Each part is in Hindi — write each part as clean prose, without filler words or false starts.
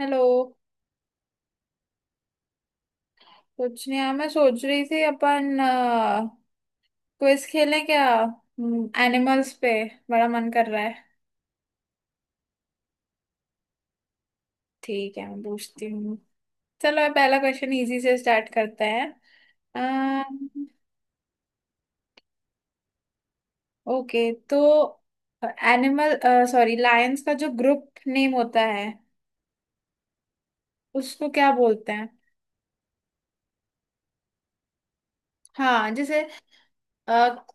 हेलो। कुछ नहीं यार, मैं सोच रही थी अपन क्विज खेलें क्या, एनिमल्स पे। बड़ा मन कर रहा है। ठीक है, मैं पूछती हूँ। चलो, ये पहला क्वेश्चन इजी से स्टार्ट करते हैं। ओके तो एनिमल सॉरी लायंस का जो ग्रुप नेम होता है उसको क्या बोलते हैं? हाँ जैसे अ,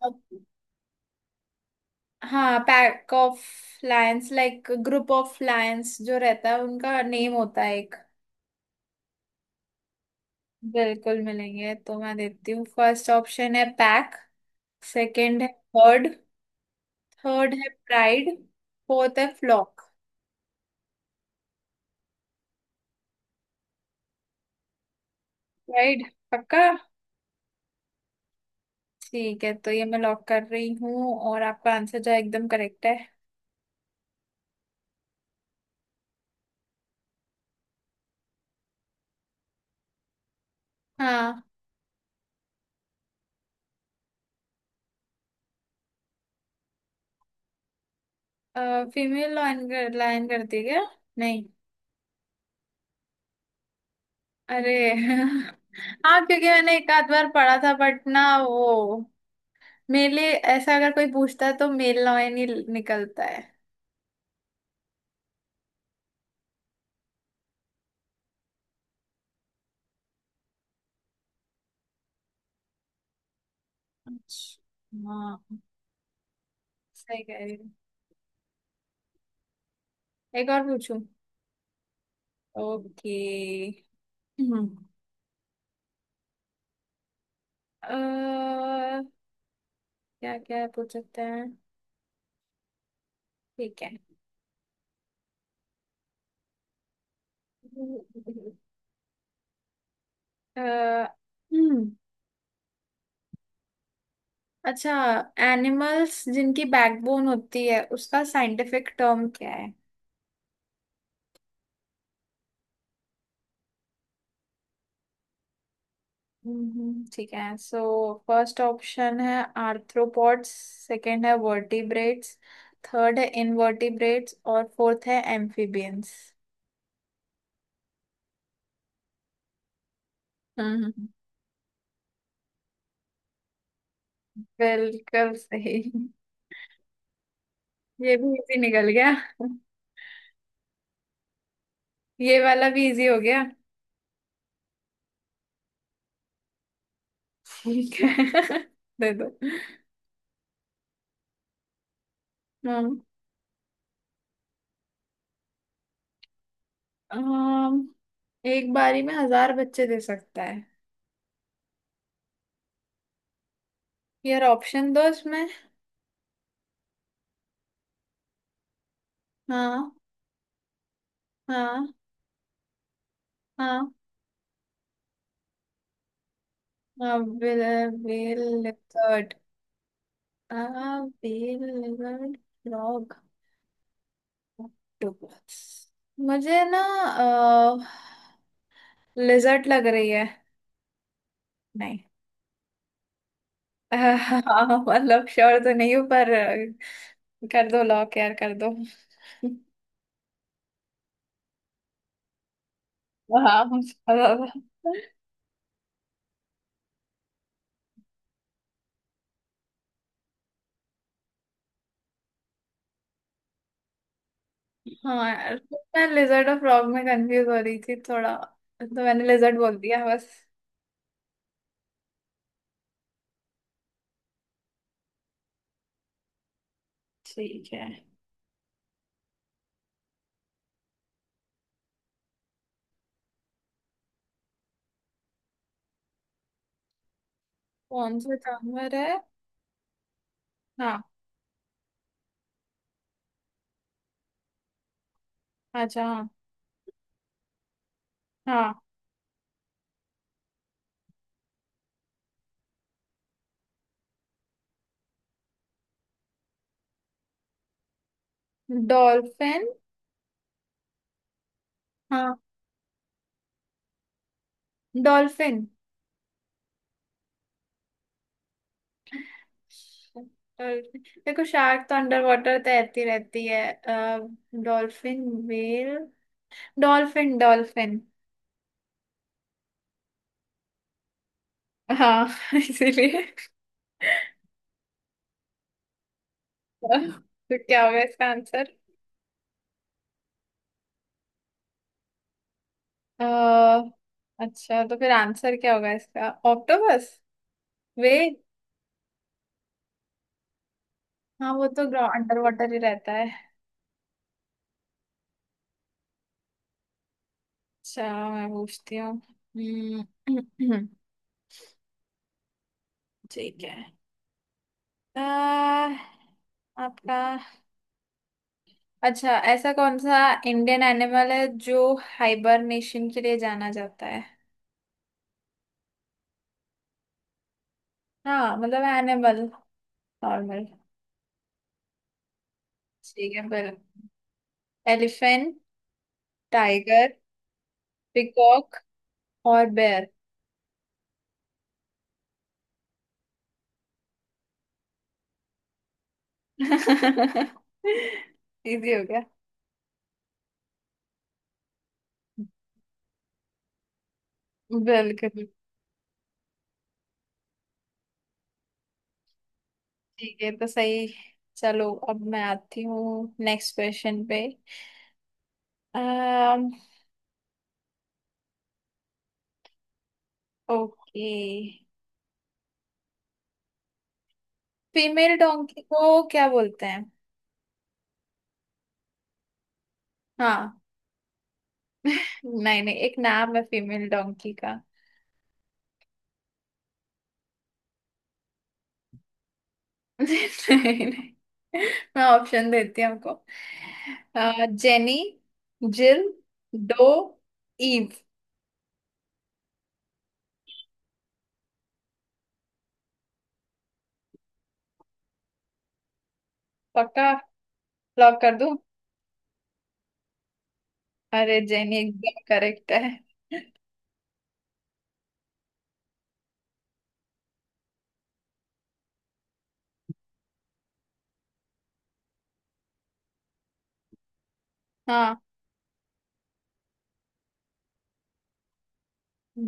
हाँ pack of lions, like group of lions जो रहता है उनका नेम होता है एक। बिल्कुल मिलेंगे, तो मैं देती हूँ। फर्स्ट ऑप्शन है पैक। सेकंड है बर्ड। थर्ड है प्राइड। फोर्थ है फ्लॉक। राइट। पक्का? ठीक है, तो ये मैं लॉक कर रही हूँ और आपका आंसर जो है एकदम करेक्ट है। हाँ। फीमेल लाइन करती है क्या? नहीं। अरे हाँ, क्योंकि मैंने एक आध बार पढ़ा था बट ना वो मेरे लिए ऐसा, अगर कोई पूछता है तो मेल लाइन ही निकलता है। अच्छा। हाँ, सही कह रही। एक और पूछूं? ओके। हम्म क्या क्या पूछ सकते हैं? ठीक है अ, हम्म अच्छा, एनिमल्स जिनकी बैकबोन होती है उसका साइंटिफिक टर्म क्या है? ठीक है सो, फर्स्ट ऑप्शन है आर्थ्रोपॉड्स। सेकंड है वर्टिब्रेट्स। थर्ड है इनवर्टिब्रेट्स और फोर्थ है एम्फीबियंस। हम्म। बिल्कुल सही। ये भी इजी निकल गया। ये वाला भी इजी हो गया। ठीक है दे दो। हम्म अम, एक बारी में 1,000 बच्चे दे सकता है? यार ऑप्शन दो इसमें। हाँ हाँ हाँ। बेल बेल लेपर्ड। आ बेल लेपर्ड फ्रॉग ऑक्टोपस। मुझे ना लिजर्ट लग रही है, नहीं। मतलब श्योर तो नहीं हूँ पर, कर दो लॉक यार, कर दो। हाँ, बहुत ज्यादा। हाँ यार, मैं लेजर्ड और फ्रॉग में कंफ्यूज हो रही थी थोड़ा, तो मैंने लेजर्ड बोल दिया बस। ठीक है। कौन सा जानवर है? हाँ, अच्छा। हाँ, हाँ डॉल्फिन। हाँ डॉल्फिन डॉल्फिन। देखो शार्क तो अंडर वाटर तैरती रहती है, डॉल्फिन व्हेल डॉल्फिन डॉल्फिन। हाँ इसीलिए। तो क्या होगा इसका आंसर? अ, अच्छा, तो फिर आंसर क्या होगा इसका, ऑक्टोपस? वे। हाँ वो तो अंडर वाटर ही रहता है। अच्छा, मैं पूछती हूँ। हम्म, ठीक है। अ, आपका अच्छा, ऐसा कौन सा इंडियन एनिमल है जो हाइबरनेशन के लिए जाना जाता है? हाँ मतलब एनिमल, नॉर्मल। ठीक है फिर। एलिफेंट, टाइगर, पिकॉक और बेयर। इजी हो गया। बिल्कुल। ठीक है तो, सही। चलो, अब मैं आती हूँ नेक्स्ट क्वेश्चन पे। Um okay. फीमेल डोंकी को क्या बोलते हैं? हाँ। नहीं नहीं, एक नाम है फीमेल डोंकी का। नहीं नहीं, मैं ऑप्शन देती हूँ आपको। जेनी, जिल, डो, ईव। पक्का? लॉक कर दूं? अरे जेनी एकदम करेक्ट है। हाँ।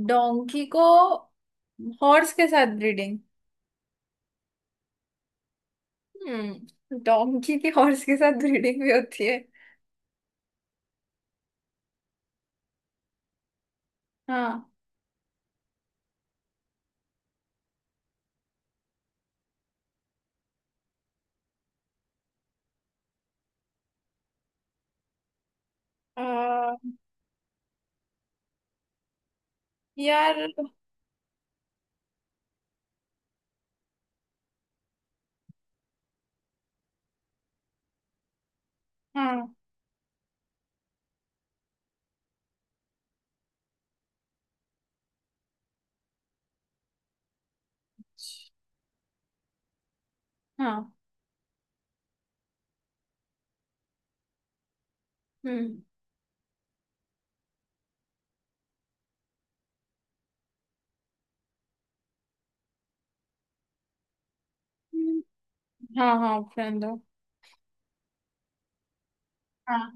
डोंकी को हॉर्स के साथ ब्रीडिंग? डोंकी की हॉर्स के साथ ब्रीडिंग भी होती है? हाँ अ, यार। हाँ हाँ, हम्म हम्म, हाँ हाँ ऑप्शन दो। हाँ।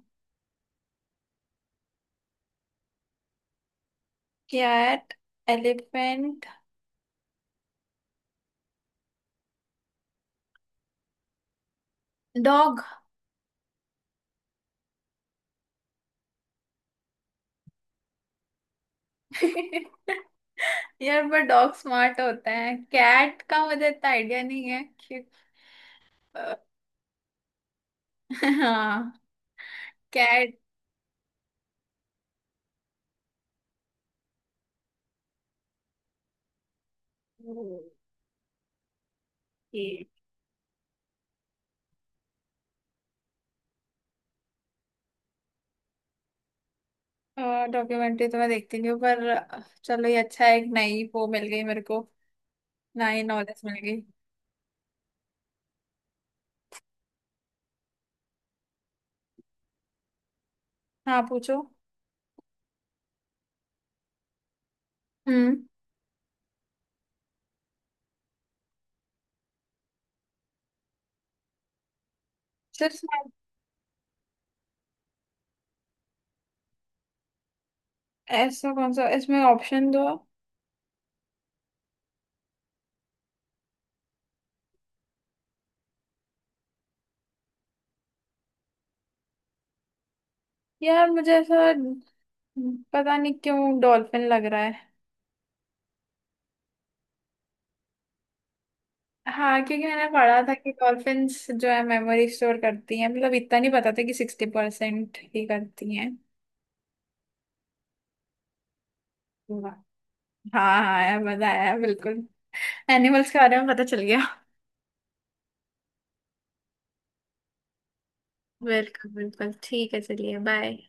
Cat, elephant, dog. यार पर डॉग स्मार्ट होता है, कैट का मुझे इतना आइडिया नहीं है कि अ, हाँ कैट। डॉक्यूमेंट्री तो मैं देखती नहीं हूँ पर, चलो ये अच्छा है, एक नई वो मिल गई मेरे को। नई नॉलेज मिल गई। हाँ पूछो। हम्म सिर्फ, ऐसा कौन सा, इसमें ऑप्शन दो। यार मुझे ऐसा पता नहीं क्यों डॉल्फिन लग रहा है। हाँ, क्योंकि मैंने पढ़ा था कि डॉल्फिन्स जो है मेमोरी स्टोर करती हैं, मतलब इतना नहीं पता था कि 60% ही करती हैं। वाह। हाँ हाँ यार, मजा आया बिल्कुल। एनिमल्स के बारे में पता चल गया। बिल्कुल बिल्कुल, ठीक है, चलिए बाय।